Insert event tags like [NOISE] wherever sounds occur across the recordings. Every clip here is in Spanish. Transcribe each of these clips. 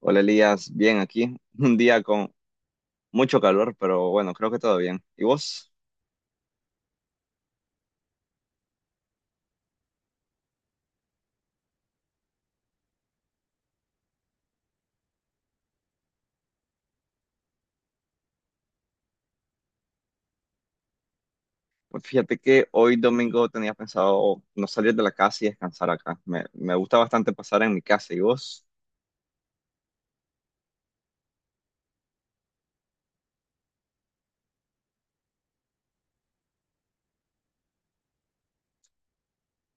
Hola Elías, bien aquí. [LAUGHS] Un día con mucho calor, pero bueno, creo que todo bien. ¿Y vos? Pues fíjate que hoy domingo tenía pensado no salir de la casa y descansar acá. Me gusta bastante pasar en mi casa. ¿Y vos?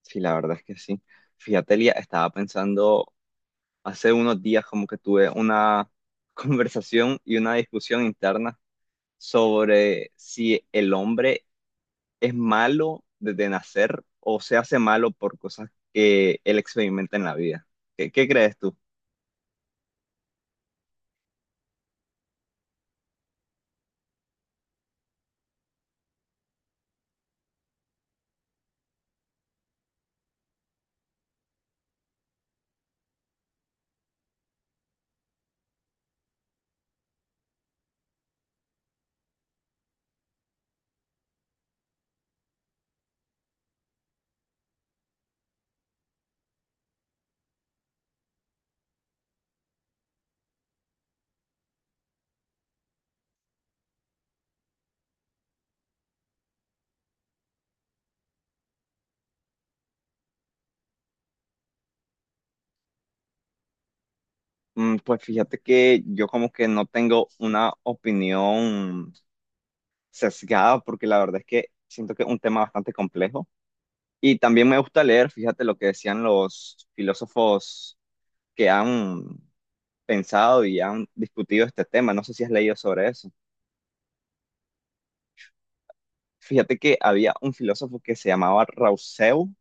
Sí, la verdad es que sí. Fíjate, Elías, estaba pensando hace unos días como que tuve una [LAUGHS] conversación y una discusión interna sobre si el hombre es malo desde nacer o se hace malo por cosas que él experimenta en la vida. ¿Qué crees tú? Mm, pues fíjate que yo como que no tengo una opinión sesgada porque la verdad es que siento que es un tema bastante complejo y también me gusta leer, fíjate lo que decían los filósofos que han pensado y han discutido este tema, no sé si has leído sobre eso. Fíjate que había un filósofo que se llamaba Rousseau,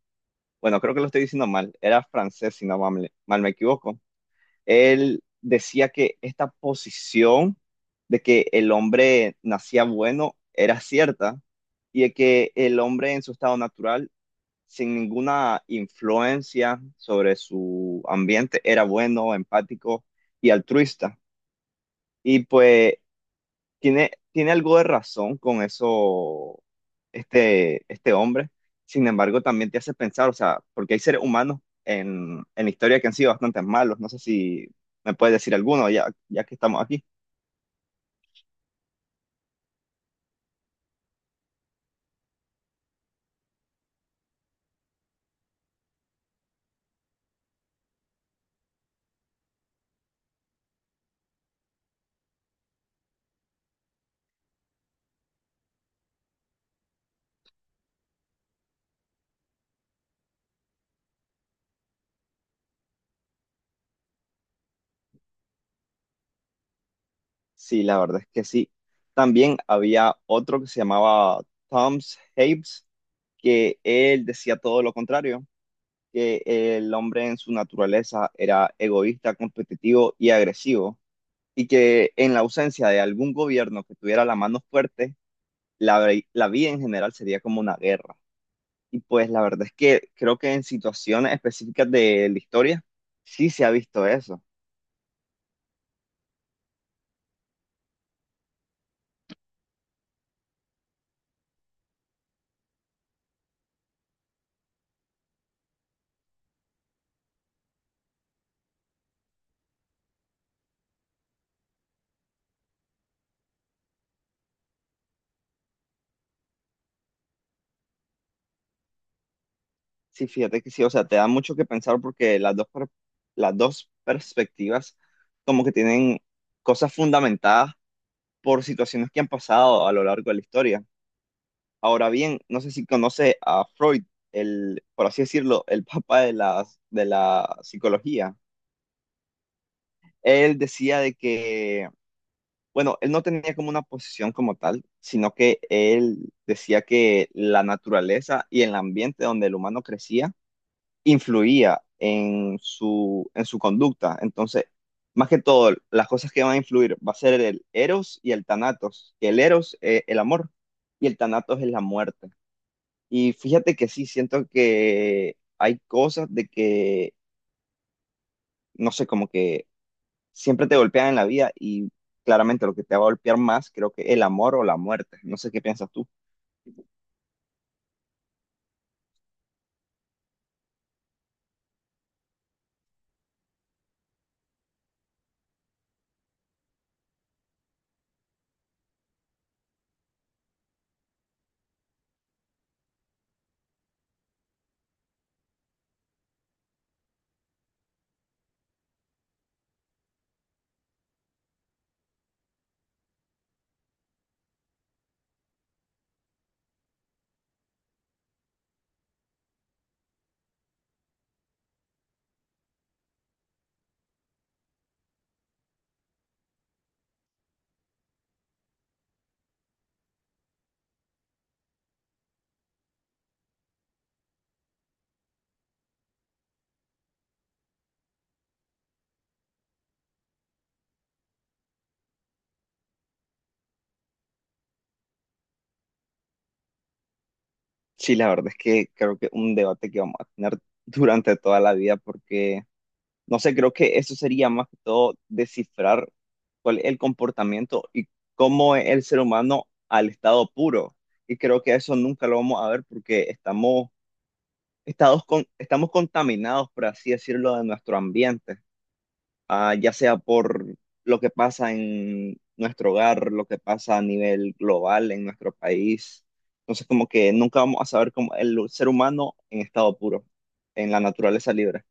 bueno, creo que lo estoy diciendo mal, era francés si no mal me equivoco. Él decía que esta posición de que el hombre nacía bueno era cierta y de que el hombre en su estado natural, sin ninguna influencia sobre su ambiente, era bueno, empático y altruista. Y pues tiene algo de razón con eso este hombre. Sin embargo, también te hace pensar, o sea, porque hay seres humanos en la historia que han sido bastante malos. No sé si me puedes decir alguno ya, ya que estamos aquí. Sí, la verdad es que sí. También había otro que se llamaba Tom's Habes, que él decía todo lo contrario, que el hombre en su naturaleza era egoísta, competitivo y agresivo y que en la ausencia de algún gobierno que tuviera la mano fuerte, la, la vida en general sería como una guerra. Y pues la verdad es que creo que en situaciones específicas de la historia sí se ha visto eso. Sí, fíjate que sí, o sea, te da mucho que pensar porque las dos perspectivas como que tienen cosas fundamentadas por situaciones que han pasado a lo largo de la historia. Ahora bien, no sé si conoce a Freud, el, por así decirlo, el [LAUGHS] papá de la psicología. Él decía de que, bueno, él no tenía como una posición como tal, sino que él decía que la naturaleza y el ambiente donde el humano crecía influía en en su conducta. Entonces, más que todo, las cosas que van a influir va a ser el Eros y el Thanatos, que el Eros es el amor y el Thanatos es la muerte. Y fíjate que sí, siento que hay cosas de que, no sé, como que siempre te golpean en la vida y claramente lo que te va a golpear más, creo que el amor o la muerte. No sé qué piensas tú. Sí, la verdad es que creo que un debate que vamos a tener [LAUGHS] durante toda la vida porque, no sé, creo que eso sería más que todo descifrar cuál es el comportamiento y cómo es el ser humano al estado puro. Y creo que eso nunca lo vamos a ver porque estamos contaminados, por así decirlo, de nuestro ambiente, ya sea por lo que pasa en nuestro hogar, lo que pasa a nivel global en nuestro país. Entonces, como que nunca vamos a saber cómo el ser humano en estado puro, en la naturaleza libre.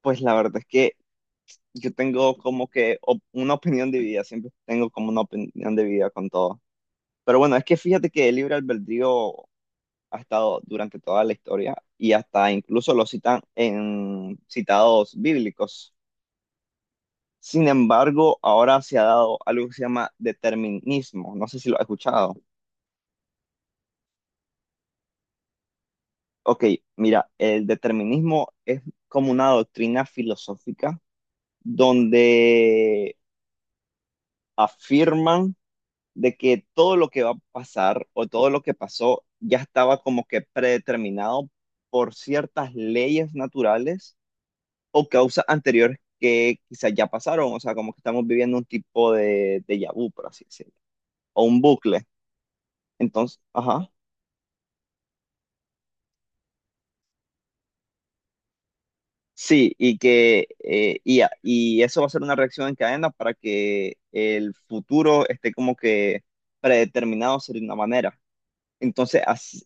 Pues la verdad es que yo tengo como que una opinión dividida, siempre tengo como una opinión dividida con todo. Pero bueno, es que fíjate que el libre albedrío ha estado durante toda la historia y hasta incluso lo citan en citados bíblicos. Sin embargo, ahora se ha dado algo que se llama determinismo. No sé si lo has escuchado. Ok, mira, el determinismo es como una doctrina filosófica donde afirman de que todo lo que va a pasar o todo lo que pasó ya estaba como que predeterminado por ciertas leyes naturales o causas anteriores que quizás ya pasaron, o sea, como que estamos viviendo un tipo de déjà vu, por así decirlo, o un bucle. Entonces, ajá, sí, y que y eso va a ser una reacción en cadena para que el futuro esté como que predeterminado de una manera. Entonces, así,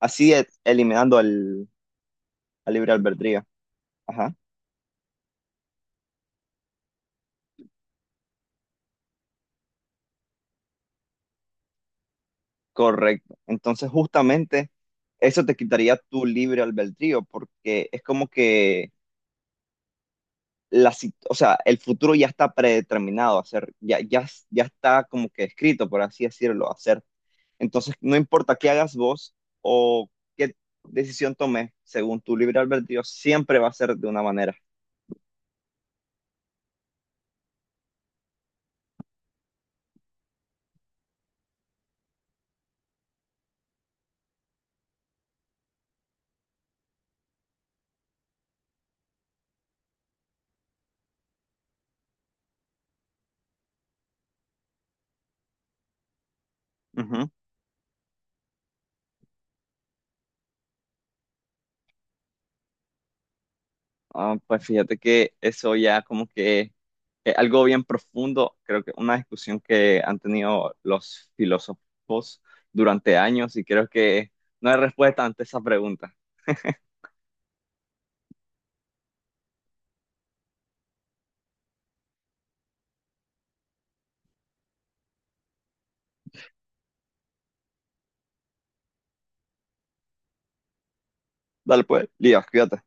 eliminando al libre albedrío. Ajá, correcto. Entonces, justamente eso te quitaría tu libre albedrío, porque es como que o sea, el futuro ya está predeterminado a ser, ya, ya, ya está como que escrito, por así decirlo, a ser. Entonces, no importa qué hagas vos o qué decisión tomes, según tu libre albedrío, siempre va a ser de una manera. Ujú. Ah, pues fíjate que eso ya como que es algo bien profundo, creo que una discusión que han tenido los filósofos durante años y creo que no hay respuesta ante esa pregunta. Dale pues, Lías, cuídate.